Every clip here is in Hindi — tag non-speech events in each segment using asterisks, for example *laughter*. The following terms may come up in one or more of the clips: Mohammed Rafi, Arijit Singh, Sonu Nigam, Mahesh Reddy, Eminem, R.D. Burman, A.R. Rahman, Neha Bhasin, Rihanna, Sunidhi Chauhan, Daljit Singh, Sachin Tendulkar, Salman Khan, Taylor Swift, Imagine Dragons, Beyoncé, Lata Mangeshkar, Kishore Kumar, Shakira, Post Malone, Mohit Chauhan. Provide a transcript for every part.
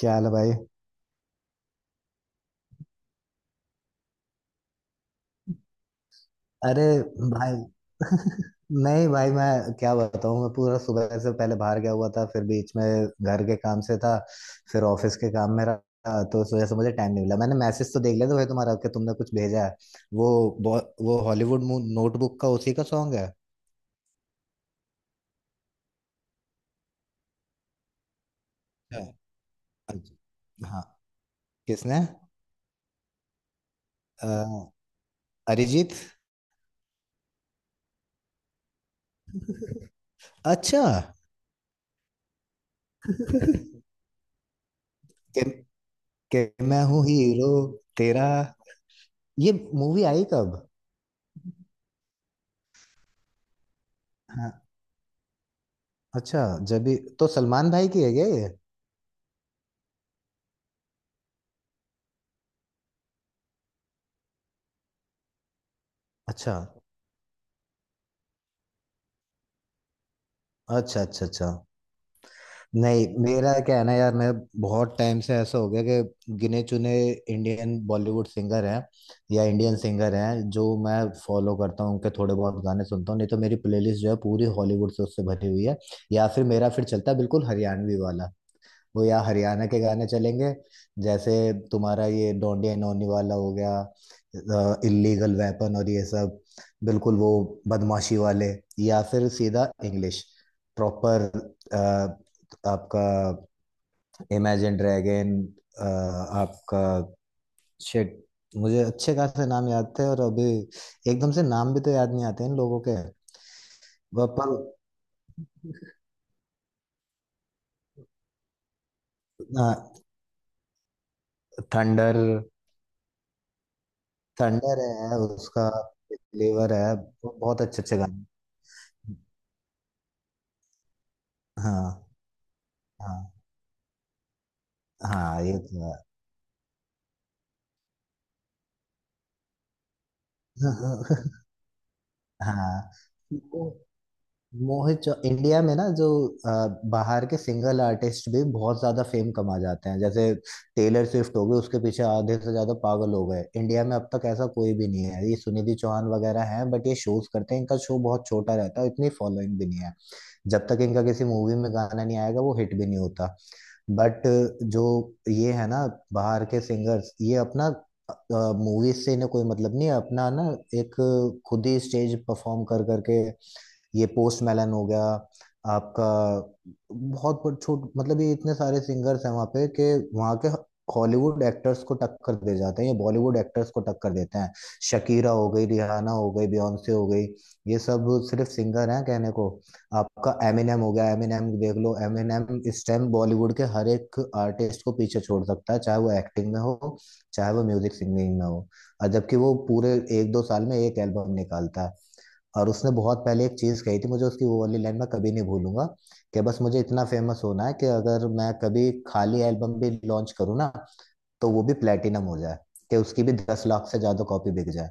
क्या हाल है, भाई। अरे भाई। *laughs* नहीं भाई, मैं क्या बताऊँ, मैं पूरा सुबह से पहले बाहर गया हुआ था, फिर बीच में घर के काम से था, फिर ऑफिस के काम में रहा, तो इस वजह से मुझे टाइम नहीं मिला। मैंने मैसेज तो देख लिया था भाई तुम्हारा कि तुमने कुछ भेजा है। वो वो हॉलीवुड नोटबुक का उसी का सॉन्ग है। अच्छा। हाँ। किसने? अ, अरिजीत। अच्छा। *laughs* कि, कि मैं हूँ हीरो तेरा। ये मूवी आई कब? अच्छा, जबी तो सलमान भाई की है क्या ये? अच्छा अच्छा, अच्छा, अच्छा। नहीं, मेरा क्या है ना यार, मैं बहुत टाइम से ऐसा हो गया कि गिने चुने इंडियन बॉलीवुड सिंगर हैं या इंडियन सिंगर हैं जो मैं फॉलो करता हूँ, उनके थोड़े बहुत गाने सुनता हूँ। नहीं तो मेरी प्लेलिस्ट जो है पूरी हॉलीवुड से, उससे भरी हुई है। या फिर मेरा फिर चलता है बिल्कुल हरियाणवी वाला, वो या हरियाणा के गाने चलेंगे, जैसे तुम्हारा ये डोंडिया नोनी वाला हो गया, इलीगल वेपन और ये सब, बिल्कुल वो बदमाशी वाले। या फिर सीधा इंग्लिश, प्रॉपर, आपका इमेजिन ड्रैगन, आपका शिट। मुझे अच्छे खासे नाम याद थे और अभी एकदम से नाम भी तो याद नहीं आते इन लोगों के। वह पर थंडर। थंडर है उसका। फ्लेवर है। वो बहुत अच्छे अच्छे गाने। हाँ, हाँ। हाँ, ये तो है। *laughs* हाँ। वो मोहित चौ इंडिया में ना, जो, अ, बाहर के सिंगल आर्टिस्ट भी बहुत ज्यादा फेम कमा जाते हैं, जैसे टेलर स्विफ्ट हो गई, उसके पीछे आधे से ज्यादा पागल हो गए। इंडिया में अब तक ऐसा कोई भी नहीं है। ये सुनिधि चौहान वगैरह हैं बट ये शोज करते हैं, इनका शो बहुत छोटा रहता है, इतनी फॉलोइंग भी नहीं है। जब तक इनका किसी मूवी में गाना नहीं आएगा, वो हिट भी नहीं होता। बट जो ये है ना, बाहर के सिंगर्स, ये अपना मूवीज से इन्हें कोई मतलब नहीं है, अपना ना एक खुद ही स्टेज परफॉर्म कर करके, ये पोस्ट मेलन हो गया, आपका, बहुत बहुत छोट मतलब ये इतने सारे सिंगर्स हैं वहाँ पे कि वहाँ के हॉलीवुड एक्टर्स को टक्कर दे जाते हैं, ये बॉलीवुड एक्टर्स को टक्कर देते हैं। शकीरा हो गई, रिहाना हो गई, बियॉन्से हो गई, ये सब सिर्फ सिंगर हैं कहने को। आपका एमिनेम हो गया, एमिनेम देख लो, एमिनेम इस टाइम बॉलीवुड के हर एक आर्टिस्ट को पीछे छोड़ सकता है, चाहे वो एक्टिंग में हो, चाहे वो म्यूजिक सिंगिंग में हो। और जबकि वो पूरे एक दो साल में एक एल्बम निकालता है। और उसने बहुत पहले एक चीज कही थी, मुझे उसकी वो वाली लाइन मैं कभी नहीं भूलूंगा, कि बस मुझे इतना फेमस होना है कि अगर मैं कभी खाली एल्बम भी लॉन्च करूँ ना, तो वो भी प्लेटिनम हो जाए, कि उसकी भी 10 लाख से ज्यादा कॉपी बिक जाए।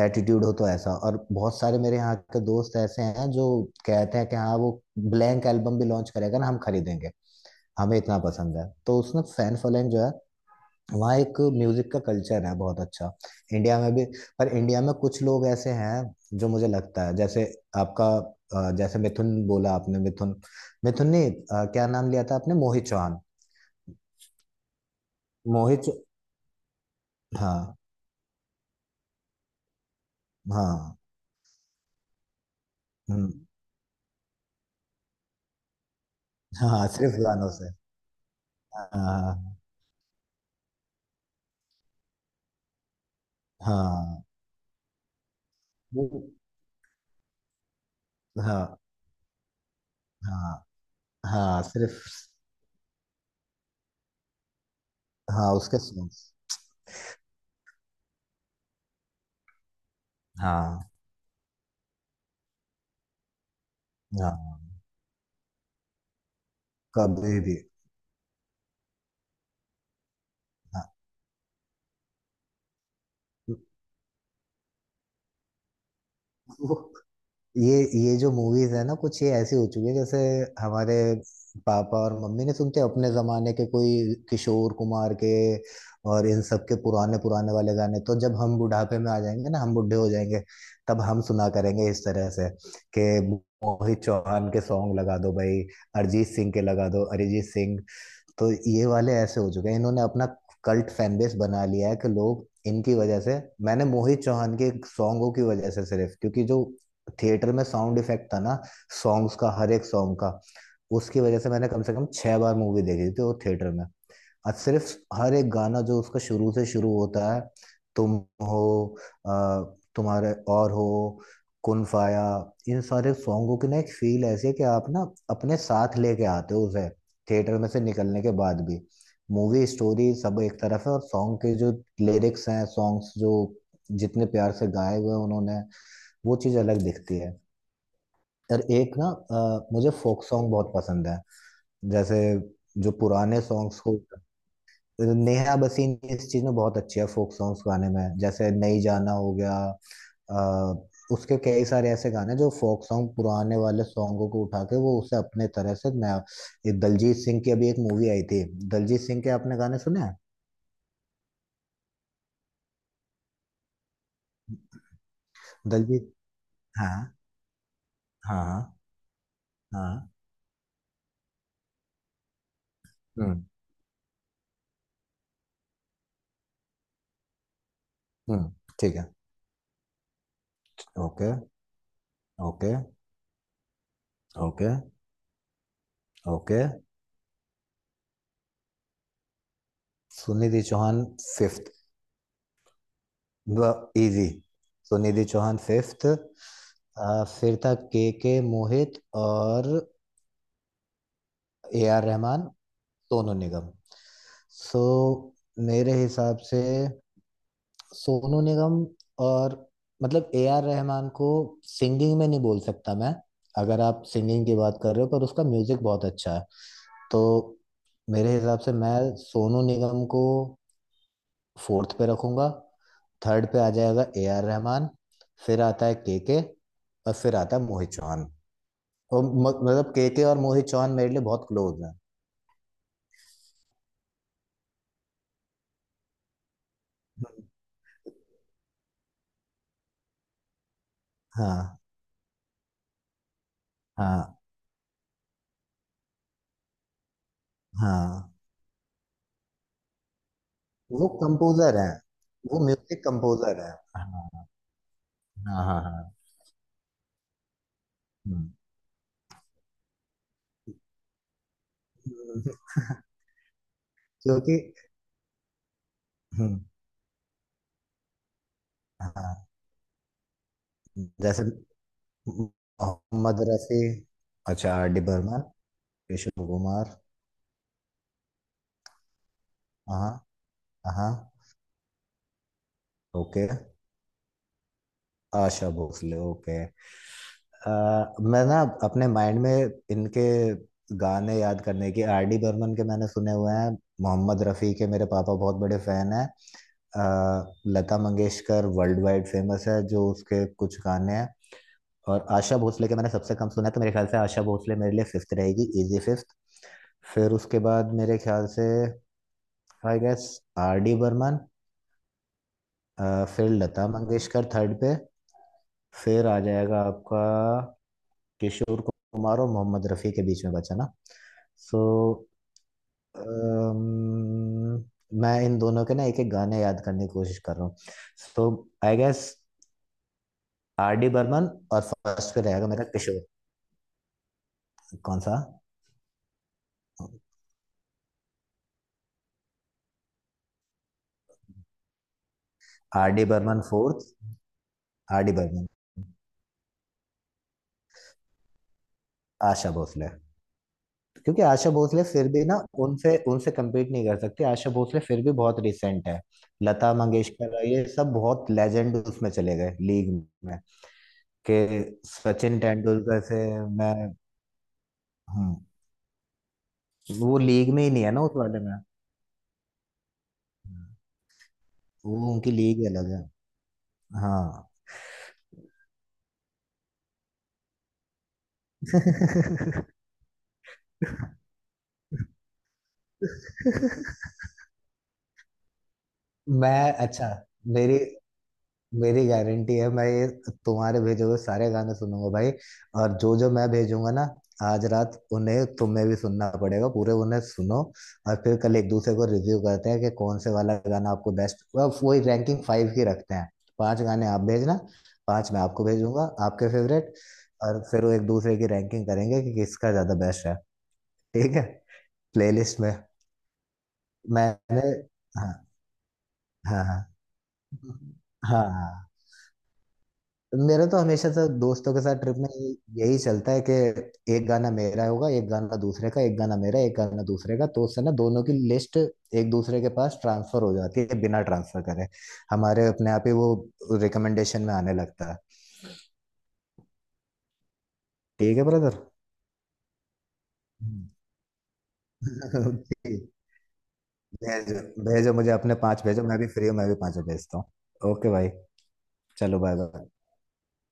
एटीट्यूड हो तो ऐसा। और बहुत सारे मेरे यहाँ के दोस्त ऐसे हैं जो कहते हैं कि हाँ, वो ब्लैंक एल्बम भी लॉन्च करेगा ना हम खरीदेंगे, हमें इतना पसंद है। तो उसने फैन फॉलोइंग जो है, वहाँ एक म्यूजिक का कल्चर है बहुत अच्छा। इंडिया में भी पर इंडिया में कुछ लोग ऐसे हैं जो मुझे लगता है, जैसे आपका, जैसे मिथुन बोला आपने, मिथुन, मिथुन ने, क्या नाम लिया था आपने? मोहित चौहान। मोहित चौ- हाँ। हाँ। हम्म, हाँ, सिर्फ गानों से। हाँ। हाँ। वो। हाँ, हाँ, हाँ सिर्फ। हाँ उसके सॉन्ग्स। हाँ, हाँ, कभी भी। हाँ। *laughs* ये जो मूवीज है ना, कुछ ये ऐसी हो चुकी है जैसे हमारे पापा और मम्मी ने सुनते हैं अपने जमाने के, कोई किशोर कुमार के और इन सब के पुराने पुराने वाले गाने। तो जब हम बुढ़ापे में आ जाएंगे ना, हम बुढ़े हो जाएंगे, तब हम सुना करेंगे इस तरह से कि मोहित चौहान के सॉन्ग लगा दो भाई, अरिजीत सिंह के लगा दो अरिजीत सिंह। तो ये वाले ऐसे हो चुके हैं, इन्होंने अपना कल्ट फैन बेस बना लिया है कि लोग इनकी वजह से, मैंने मोहित चौहान के सॉन्गों की वजह से सिर्फ, क्योंकि जो थिएटर में साउंड इफेक्ट था ना सॉन्ग्स का, हर एक सॉन्ग का, उसकी वजह से मैंने कम से कम 6 बार मूवी देखी थी वो थिएटर में। आज सिर्फ हर एक गाना जो उसका, शुरू से शुरू होता है, तुम हो, आ, तुम्हारे और हो, कुन फाया, इन सारे सॉन्गों की ना एक फील ऐसी है कि आप ना अपने साथ लेके आते हो उसे थिएटर में से निकलने के बाद भी। मूवी स्टोरी सब एक तरफ है, और सॉन्ग के जो लिरिक्स हैं, सॉन्ग्स जो जितने प्यार से गाए हुए हैं उन्होंने, वो चीज़ अलग दिखती है। और एक ना, मुझे फोक सॉन्ग बहुत पसंद है। जैसे जो पुराने सॉन्ग्स को, नेहा बसीन इस चीज में बहुत अच्छी है, फोक सॉन्ग्स गाने में, जैसे नई जाना हो गया, आ, उसके कई सारे ऐसे गाने जो फोक सॉन्ग, पुराने वाले सॉन्गों को उठा के वो उसे अपने तरह से नया। ये दलजीत सिंह की अभी एक मूवी आई थी, दलजीत सिंह के आपने गाने सुने हैं? दलजीत। हाँ। हाँ, हाँ। हाँ। हम्म। हम्म, ठीक है। Okay. Okay. Okay. Okay. Sunidhi Chauhan fifth. ब इजी। तो निधि चौहान फिफ्थ। फिर था के मोहित, और A R Rahman, Sonu Nigam. So, so, मेरे हिसाब से सोनू निगम, और मतलब ए आर रहमान को सिंगिंग में नहीं बोल सकता मैं, अगर आप सिंगिंग की बात कर रहे हो, पर उसका म्यूजिक बहुत अच्छा है। तो मेरे हिसाब से मैं सोनू निगम को फोर्थ पे रखूंगा, थर्ड पे आ जाएगा ए आर रहमान, फिर आता है के, और फिर आता है मोहित चौहान। और मतलब के और मोहित चौहान मेरे लिए बहुत क्लोज हैं। हाँ। हाँ। हाँ, वो कंपोजर हैं, वो म्यूजिक कंपोजर हैं। हाँ। हाँ, हाँ, हाँ। हम्म। *laughs* क्योंकि, हम्म, हाँ, जैसे मोहम्मद रफी। अच्छा, आर डी बर्मन, किशोर कुमार। हाँ। हाँ। ओके, आशा भोसले। ओके, मैं ना अपने माइंड में इनके गाने याद करने की, आर डी बर्मन के मैंने सुने हुए हैं, मोहम्मद रफ़ी के मेरे पापा बहुत बड़े फैन हैं, अ, Lata Mangeshkar world wide famous है, जो उसके कुछ गाने हैं, और आशा भोसले के मैंने सबसे कम सुना है, तो मेरे ख्याल से आशा भोसले मेरे लिए फिफ्थ रहेगी, इजी फिफ्थ। फिर उसके बाद मेरे ख्याल से I guess R D Burman, फिर लता मंगेशकर थर्ड पे, फिर आ जाएगा आपका किशोर कुमार और मोहम्मद रफ़ी के बीच में बचा ना। सो मैं इन दोनों के ना एक एक गाने याद करने की कोशिश कर रहा हूँ। So I guess R D Burman, और फर्स्ट पे रहेगा मेरा किशोर। कौन सा? R D Burman fourth. R D Burman. Asha Bhosle. क्योंकि आशा भोसले फिर भी ना, उनसे, उनसे कम्पीट नहीं कर सकती, आशा भोसले फिर भी बहुत रिसेंट है, लता मंगेशकर, ये सब बहुत लेजेंड उसमें चले गए, लीग में, कि सचिन तेंदुलकर से मैं हूँ। वो लीग में ही नहीं है ना उस वाले में, वो उनकी लीग ही अलग है। हाँ। *laughs* मैं, अच्छा, मेरी, मेरी गारंटी है, मैं ये तुम्हारे भेजे हुए सारे गाने सुनूंगा भाई, और जो जो मैं भेजूंगा ना, आज रात उन्हें तुम्हें भी सुनना पड़ेगा पूरे, उन्हें सुनो, और फिर कल एक दूसरे को रिव्यू करते हैं कि कौन से वाला गाना आपको बेस्ट, वही रैंकिंग 5 की रखते हैं। 5 गाने आप भेजना, 5 मैं आपको भेजूंगा आपके फेवरेट, और फिर वो एक दूसरे की रैंकिंग करेंगे कि किसका ज्यादा बेस्ट है। ठीक है। प्लेलिस्ट में मैंने, हाँ, हाँ, हाँ, हाँ, हाँ। मेरा तो हमेशा से दोस्तों के साथ ट्रिप में यही चलता है कि एक गाना मेरा होगा, एक गाना दूसरे का, एक गाना मेरा, एक गाना दूसरे का, तो उससे ना दोनों की लिस्ट एक दूसरे के पास ट्रांसफर हो जाती है, बिना ट्रांसफर करे हमारे अपने आप ही वो रिकमेंडेशन में आने लगता है। ठीक है ब्रदर। *laughs* भेजो, भेजो मुझे अपने 5 भेजो, मैं भी फ्री हूँ, मैं भी पांचों भेजता हूँ, ओके भाई। चलो बाय बाय।